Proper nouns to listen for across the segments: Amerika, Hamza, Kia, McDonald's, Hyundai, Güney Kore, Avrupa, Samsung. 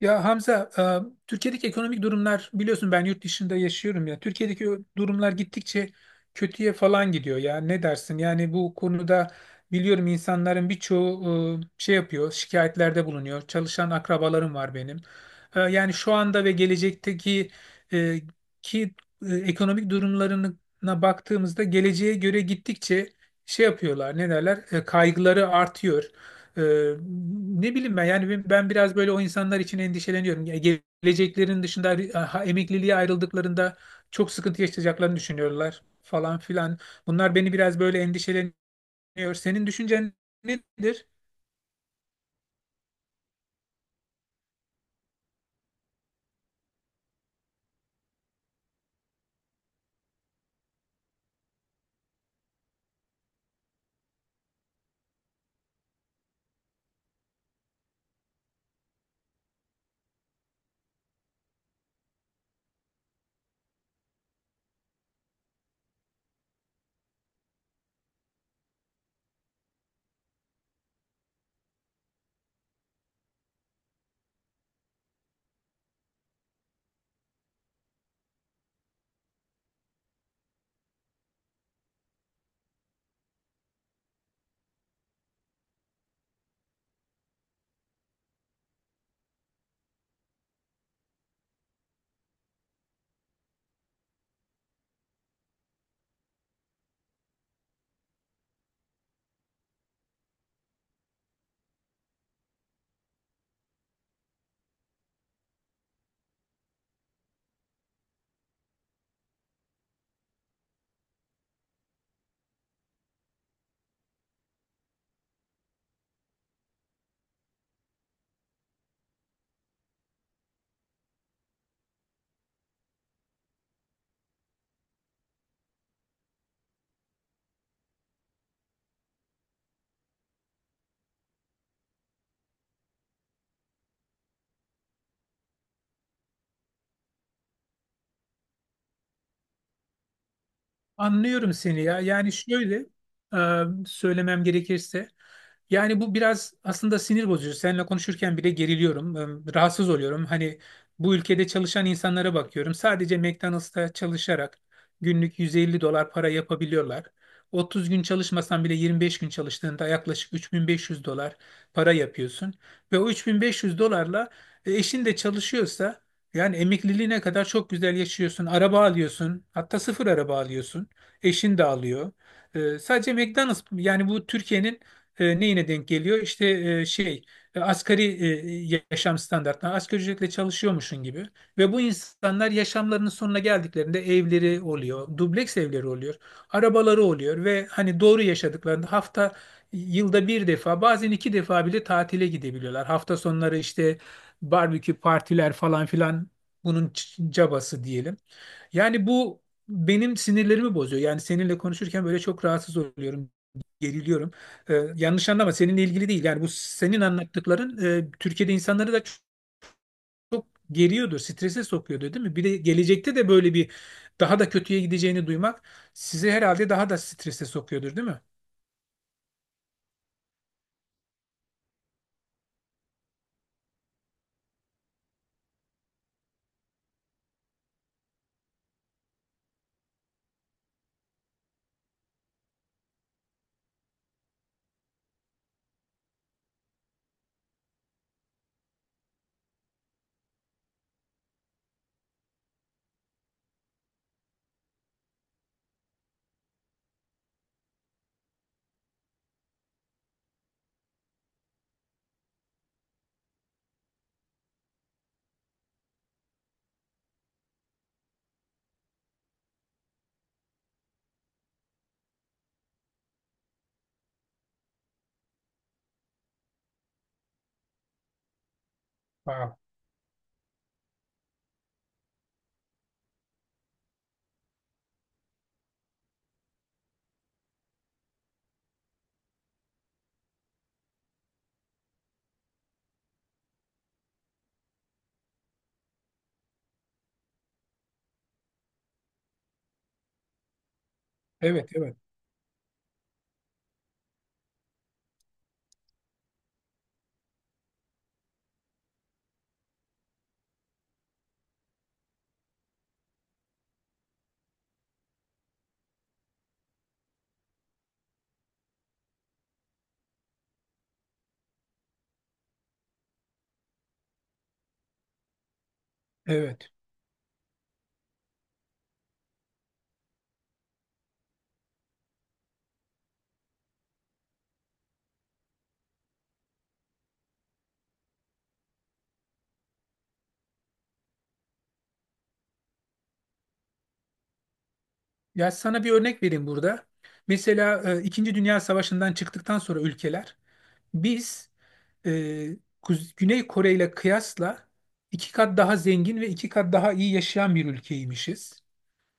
Ya Hamza, Türkiye'deki ekonomik durumlar biliyorsun ben yurt dışında yaşıyorum ya. Türkiye'deki o durumlar gittikçe kötüye falan gidiyor ya. Ne dersin? Yani bu konuda biliyorum insanların birçoğu şey yapıyor, şikayetlerde bulunuyor. Çalışan akrabalarım var benim. Yani şu anda ve gelecekteki e, ki ekonomik durumlarına baktığımızda geleceğe göre gittikçe şey yapıyorlar. Ne derler? Kaygıları artıyor. Ee, Ne bileyim ben, yani ben biraz böyle o insanlar için endişeleniyorum. Ya, geleceklerin dışında, ha, emekliliğe ayrıldıklarında çok sıkıntı yaşayacaklarını düşünüyorlar falan filan. Bunlar beni biraz böyle endişeleniyor. Senin düşüncen nedir? Anlıyorum seni ya. Yani şöyle, söylemem gerekirse, yani bu biraz aslında sinir bozucu. Seninle konuşurken bile geriliyorum. Rahatsız oluyorum. Hani bu ülkede çalışan insanlara bakıyorum. Sadece McDonald's'ta çalışarak günlük 150 dolar para yapabiliyorlar. 30 gün çalışmasan bile 25 gün çalıştığında yaklaşık 3.500 dolar para yapıyorsun. Ve o 3.500 dolarla, eşin de çalışıyorsa, yani emekliliğine kadar çok güzel yaşıyorsun. Araba alıyorsun. Hatta sıfır araba alıyorsun. Eşin de alıyor. Sadece McDonald's, yani bu Türkiye'nin neyine denk geliyor? İşte, asgari, yaşam standartları, asgari ücretle çalışıyormuşsun gibi. Ve bu insanlar yaşamlarının sonuna geldiklerinde evleri oluyor, dubleks evleri oluyor, arabaları oluyor ve hani doğru yaşadıklarında yılda bir defa, bazen iki defa bile tatile gidebiliyorlar. Hafta sonları işte barbekü partiler falan filan bunun cabası diyelim. Yani bu benim sinirlerimi bozuyor. Yani seninle konuşurken böyle çok rahatsız oluyorum, geriliyorum. Yanlış anlama, seninle ilgili değil. Yani bu senin anlattıkların Türkiye'de insanları da çok geriyordur, strese sokuyordur, değil mi? Bir de gelecekte de böyle bir daha da kötüye gideceğini duymak sizi herhalde daha da strese sokuyordur, değil mi? Aa, evet, evet, evet. Ya sana bir örnek vereyim burada. Mesela, İkinci Dünya Savaşı'ndan çıktıktan sonra ülkeler, biz e, Güney Kore ile kıyasla iki kat daha zengin ve iki kat daha iyi yaşayan bir ülkeymişiz.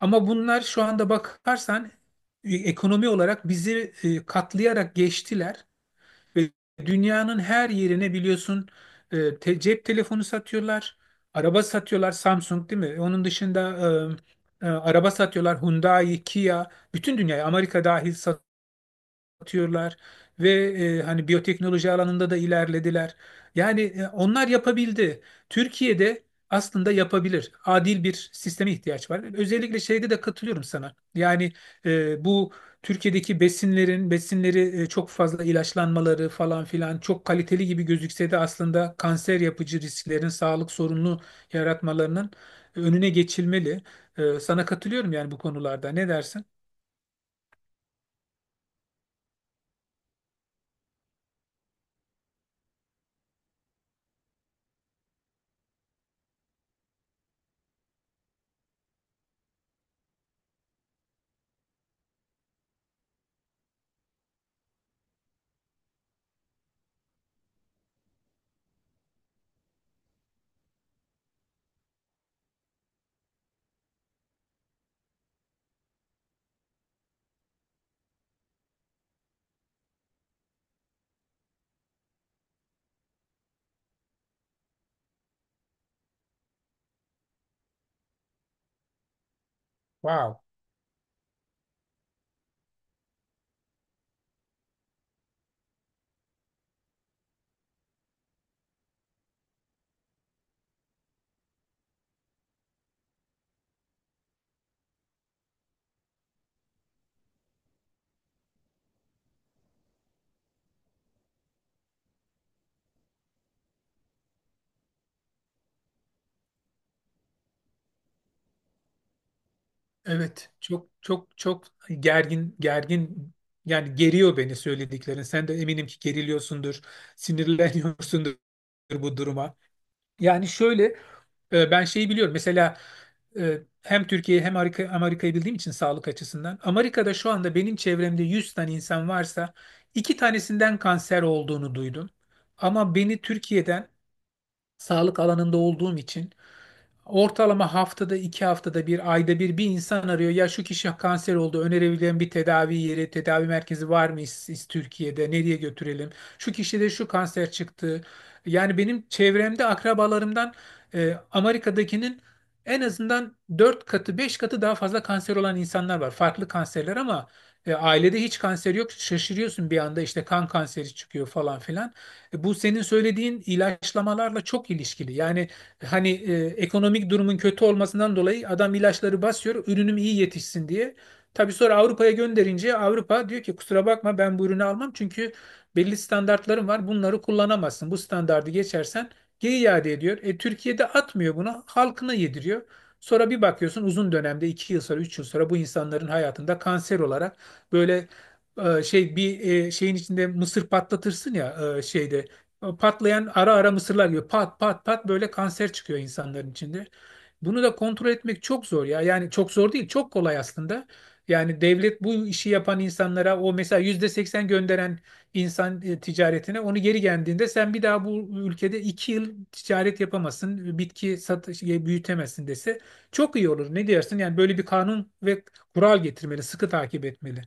Ama bunlar şu anda bakarsan ekonomi olarak bizi katlayarak geçtiler ve dünyanın her yerine biliyorsun cep telefonu satıyorlar, araba satıyorlar, Samsung, değil mi? Onun dışında araba satıyorlar, Hyundai, Kia, bütün dünyaya, Amerika dahil, atıyorlar ve hani biyoteknoloji alanında da ilerlediler. Yani onlar yapabildi. Türkiye'de aslında yapabilir. Adil bir sisteme ihtiyaç var. Özellikle şeyde de katılıyorum sana. Yani bu Türkiye'deki besinleri çok fazla ilaçlanmaları falan filan çok kaliteli gibi gözükse de aslında kanser yapıcı risklerin, sağlık sorununu yaratmalarının önüne geçilmeli. Sana katılıyorum yani bu konularda. Ne dersin? Wow. Evet, çok çok çok gergin gergin, yani geriyor beni söylediklerin. Sen de eminim ki geriliyorsundur, sinirleniyorsundur bu duruma. Yani şöyle, ben şeyi biliyorum. Mesela, hem Türkiye'yi hem Amerika'yı bildiğim için, sağlık açısından. Amerika'da şu anda benim çevremde 100 tane insan varsa iki tanesinden kanser olduğunu duydum. Ama beni Türkiye'den, sağlık alanında olduğum için, ortalama haftada iki, haftada bir, ayda bir, bir insan arıyor. Ya şu kişi kanser oldu, önerebileceğim bir tedavi merkezi var mı, Türkiye'de nereye götürelim? Şu kişide şu kanser çıktı. Yani benim çevremde akrabalarımdan, Amerika'dakinin en azından 4 katı 5 katı daha fazla kanser olan insanlar var. Farklı kanserler ama ailede hiç kanser yok. Şaşırıyorsun, bir anda işte kan kanseri çıkıyor falan filan. Bu senin söylediğin ilaçlamalarla çok ilişkili. Yani hani, ekonomik durumun kötü olmasından dolayı adam ilaçları basıyor, ürünüm iyi yetişsin diye. Tabii sonra Avrupa'ya gönderince Avrupa diyor ki kusura bakma, ben bu ürünü almam çünkü belli standartlarım var. Bunları kullanamazsın. Bu standardı geçersen geri iade ediyor. Türkiye'de atmıyor bunu, halkına yediriyor. Sonra bir bakıyorsun, uzun dönemde 2 yıl sonra, 3 yıl sonra bu insanların hayatında kanser olarak, böyle e, şey bir şeyin içinde mısır patlatırsın ya, şeyde o patlayan ara ara mısırlar gibi pat pat pat böyle kanser çıkıyor insanların içinde. Bunu da kontrol etmek çok zor ya. Yani çok zor değil, çok kolay aslında. Yani devlet bu işi yapan insanlara, o mesela %80 gönderen insan, ticaretine, onu geri geldiğinde sen bir daha bu ülkede 2 yıl ticaret yapamazsın, bitki satış, büyütemezsin dese çok iyi olur. Ne diyorsun? Yani böyle bir kanun ve kural getirmeli, sıkı takip etmeli.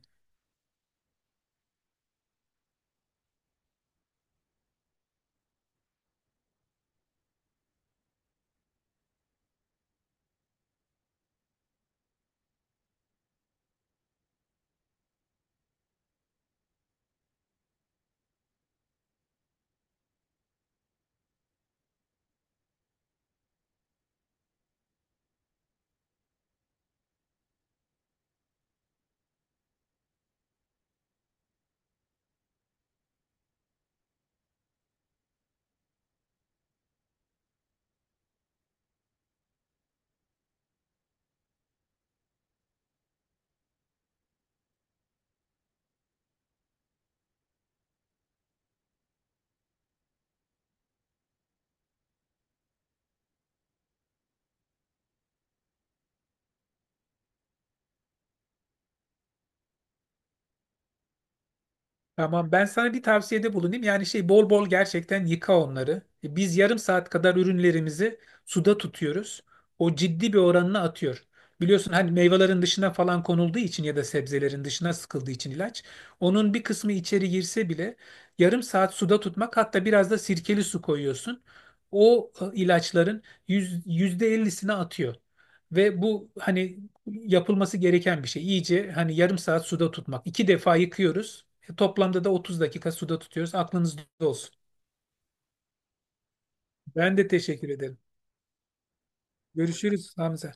Tamam, ben sana bir tavsiyede bulunayım. Yani şey, bol bol gerçekten yıka onları. Biz yarım saat kadar ürünlerimizi suda tutuyoruz. O ciddi bir oranını atıyor. Biliyorsun, hani meyvelerin dışına falan konulduğu için ya da sebzelerin dışına sıkıldığı için ilaç. Onun bir kısmı içeri girse bile, yarım saat suda tutmak, hatta biraz da sirkeli su koyuyorsun. O ilaçların %50'sini atıyor. Ve bu hani yapılması gereken bir şey. İyice, hani yarım saat suda tutmak. İki defa yıkıyoruz. Toplamda da 30 dakika suda tutuyoruz. Aklınızda olsun. Ben de teşekkür ederim. Görüşürüz Hamza.